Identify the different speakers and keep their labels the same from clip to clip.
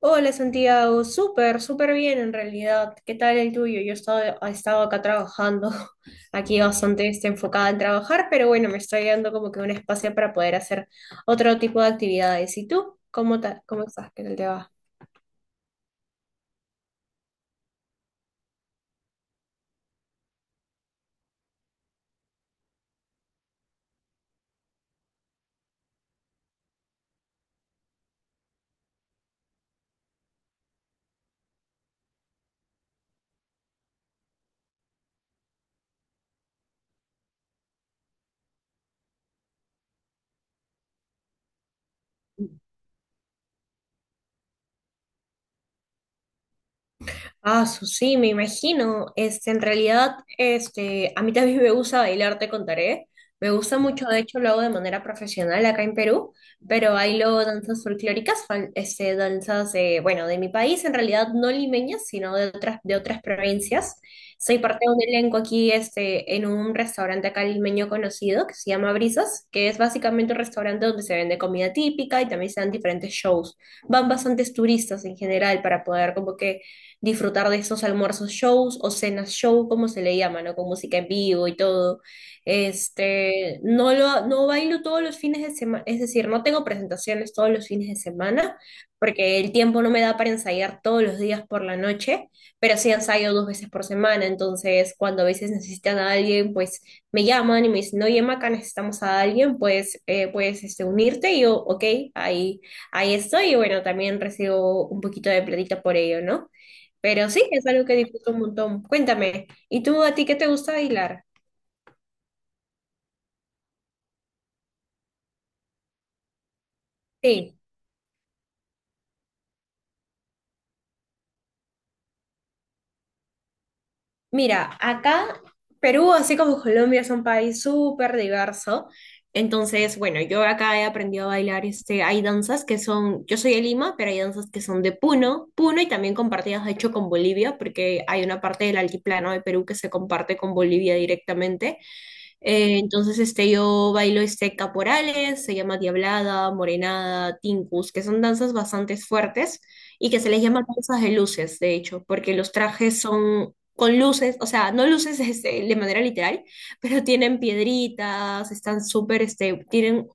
Speaker 1: Hola Santiago, súper, súper bien en realidad. ¿Qué tal el tuyo? Yo he estado acá trabajando, aquí bastante enfocada en trabajar, pero bueno, me estoy dando como que un espacio para poder hacer otro tipo de actividades. ¿Y tú? Cómo estás? ¿Qué tal te va? Ah, sí, me imagino. En realidad, a mí también me gusta bailar, te contaré. Me gusta mucho, de hecho, lo hago de manera profesional acá en Perú, pero bailo danzas folclóricas, danzas de, bueno, de mi país, en realidad no limeñas, sino de otras provincias. Soy parte de un elenco aquí, en un restaurante acá limeño conocido que se llama Brisas, que es básicamente un restaurante donde se vende comida típica y también se dan diferentes shows. Van bastantes turistas en general para poder como que disfrutar de esos almuerzos shows o cenas show, como se le llama, ¿no? Con música en vivo y todo. No bailo todos los fines de semana, es decir, no tengo presentaciones todos los fines de semana, porque el tiempo no me da para ensayar todos los días por la noche, pero sí ensayo 2 veces por semana, entonces cuando a veces necesitan a alguien, pues me llaman y me dicen, oye, Maca, necesitamos a alguien, pues puedes unirte, y yo, ok, ahí, ahí estoy, y bueno, también recibo un poquito de platita por ello, ¿no? Pero sí, es algo que disfruto un montón. Cuéntame, ¿y tú a ti qué te gusta bailar? Sí, mira, acá Perú, así como Colombia, es un país súper diverso. Entonces, bueno, yo acá he aprendido a bailar, hay danzas que son, yo soy de Lima, pero hay danzas que son de Puno, Puno y también compartidas, de hecho, con Bolivia, porque hay una parte del altiplano de Perú que se comparte con Bolivia directamente. Entonces, yo bailo este caporales, se llama diablada, morenada, tincus, que son danzas bastante fuertes y que se les llama danzas de luces, de hecho, porque los trajes son con luces, o sea, no luces de manera literal, pero tienen piedritas, están súper, este, tienen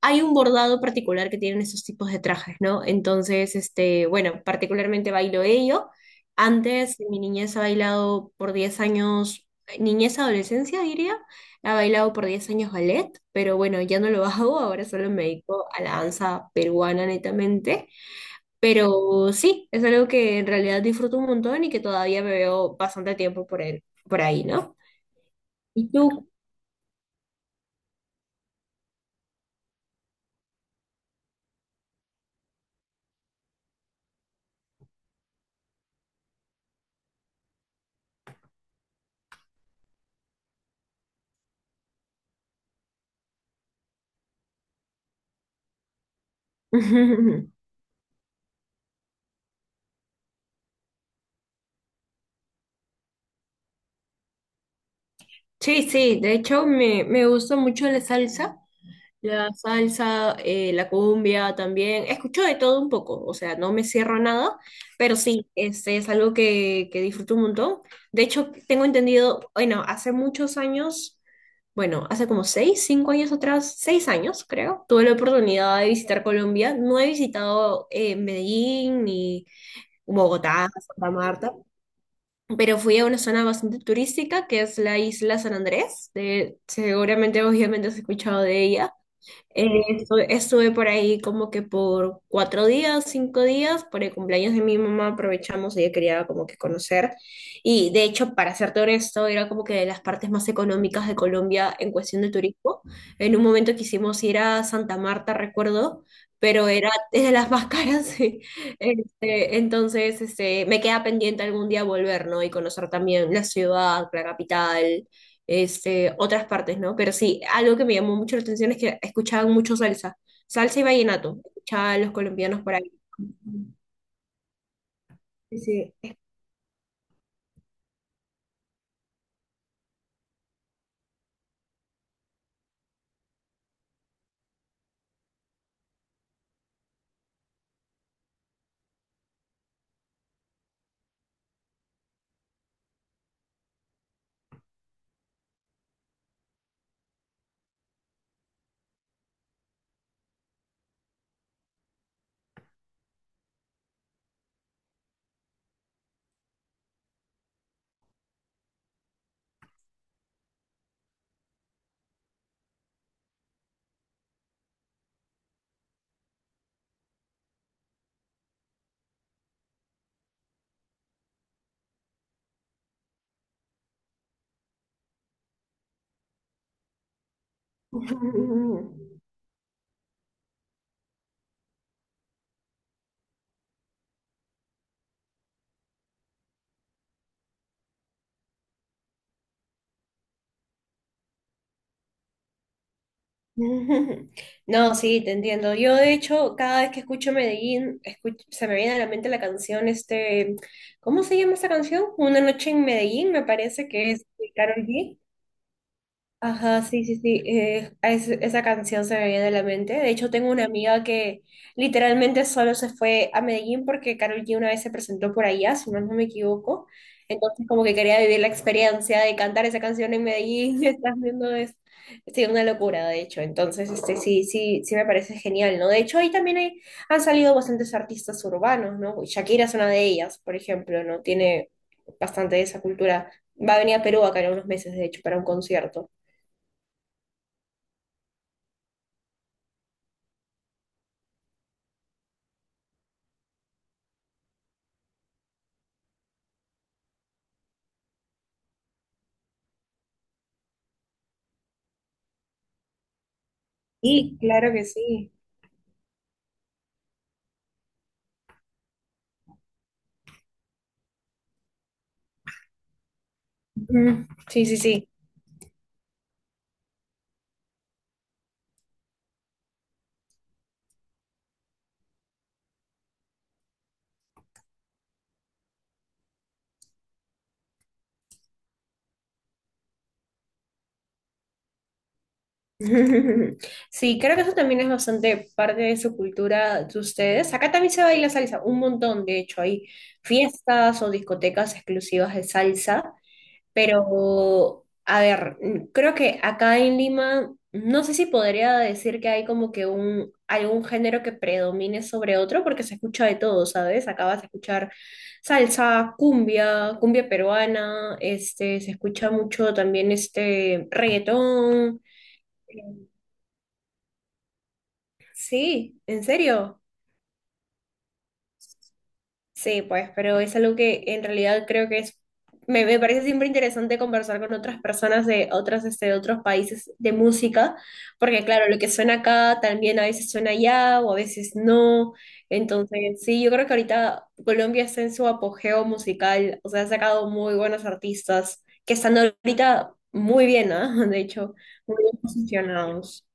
Speaker 1: hay un bordado particular que tienen esos tipos de trajes, ¿no? Entonces, bueno, particularmente bailo ello. Antes, en mi niñez ha bailado por 10 años, niñez, adolescencia, diría, ha bailado por 10 años ballet, pero bueno, ya no lo hago, ahora solo me dedico a la danza peruana netamente. Pero sí, es algo que en realidad disfruto un montón y que todavía me veo bastante tiempo por él, por ahí, ¿no? ¿Y tú? Sí, sí, de hecho me gusta mucho la salsa. La salsa, la cumbia también. Escucho de todo un poco, o sea, no me cierro a nada, pero sí, este es algo que disfruto un montón. De hecho, tengo entendido, bueno, hace muchos años, bueno, hace como 6, 5 años atrás, 6 años creo, tuve la oportunidad de visitar Colombia. No he visitado Medellín ni Bogotá, Santa Marta, pero fui a una zona bastante turística que es la isla San Andrés. Seguramente, obviamente, has escuchado de ella. Estuve por ahí como que por 4 días, 5 días, por el cumpleaños de mi mamá aprovechamos, ella quería como que conocer. Y de hecho, para serte honesto, era como que de las partes más económicas de Colombia en cuestión de turismo. En un momento quisimos ir a Santa Marta, recuerdo, pero era es de las más caras. Sí. Entonces, me queda pendiente algún día volver, ¿no? Y conocer también la ciudad, la capital, otras partes, ¿no? Pero sí, algo que me llamó mucho la atención es que escuchaban mucho salsa, salsa y vallenato, escuchaban los colombianos por ahí. Sí. No, sí, te entiendo. Yo, de hecho, cada vez que escucho Medellín, se me viene a la mente la canción, ¿cómo se llama esa canción? Una noche en Medellín, me parece que es de Karol G. Ajá, sí, sí, sí. Esa canción se me viene a la mente. De hecho, tengo una amiga que literalmente solo se fue a Medellín porque Karol G una vez se presentó por allá, si más no me equivoco. Entonces, como que quería vivir la experiencia de cantar esa canción en Medellín. Estás viendo es sí, una locura, de hecho. Entonces, sí, sí, sí me parece genial, ¿no? De hecho, ahí también hay, han salido bastantes artistas urbanos, ¿no? Shakira es una de ellas, por ejemplo, ¿no? Tiene bastante de esa cultura. Va a venir a Perú acá en unos meses, de hecho, para un concierto. Sí, claro que sí. Ujú. Sí, sí, sí. Sí, creo que eso también es bastante parte de su cultura de ustedes. Acá también se baila salsa, un montón, de hecho, hay fiestas o discotecas exclusivas de salsa. Pero, a ver, creo que acá en Lima, no sé si podría decir que hay como que un, algún género que predomine sobre otro, porque se escucha de todo, ¿sabes? Acá vas a escuchar salsa, cumbia, cumbia peruana, se escucha mucho también este reggaetón. Sí, en serio. Sí, pues, pero es algo que en realidad creo que es, me parece siempre interesante conversar con otras personas de otras, de otros países de música, porque claro, lo que suena acá también a veces suena allá o a veces no. Entonces, sí, yo creo que ahorita Colombia está en su apogeo musical, o sea, ha sacado muy buenos artistas que están ahorita muy bien, ¿ah? De hecho, muy bien posicionados.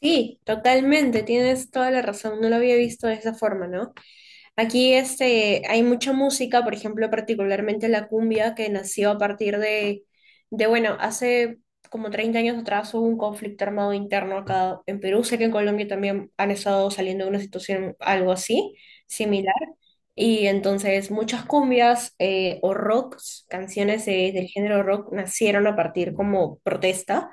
Speaker 1: Sí, totalmente, tienes toda la razón, no lo había visto de esa forma, ¿no? Aquí hay mucha música, por ejemplo, particularmente la cumbia, que nació a partir de, bueno, hace como 30 años atrás hubo un conflicto armado interno acá en Perú. Sé que en Colombia también han estado saliendo de una situación algo así, similar. Y entonces muchas cumbias o rocks, canciones del género rock, nacieron a partir como protesta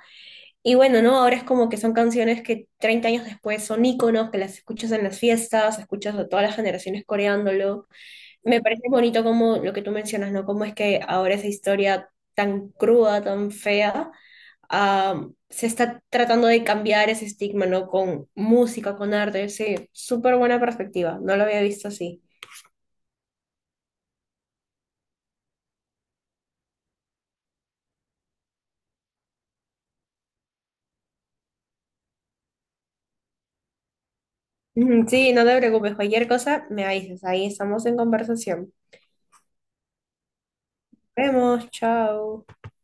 Speaker 1: y bueno, ¿no? Ahora es como que son canciones que 30 años después son íconos, que las escuchas en las fiestas, escuchas a todas las generaciones coreándolo. Me parece bonito como lo que tú mencionas, ¿no? Cómo es que ahora esa historia tan cruda, tan fea, ah, se está tratando de cambiar ese estigma, ¿no? Con música, con arte, sí. Súper buena perspectiva, no lo había visto así. Ujú, sí, no te preocupes, cualquier cosa me avisas, ahí estamos en conversación. Nos vemos, chao.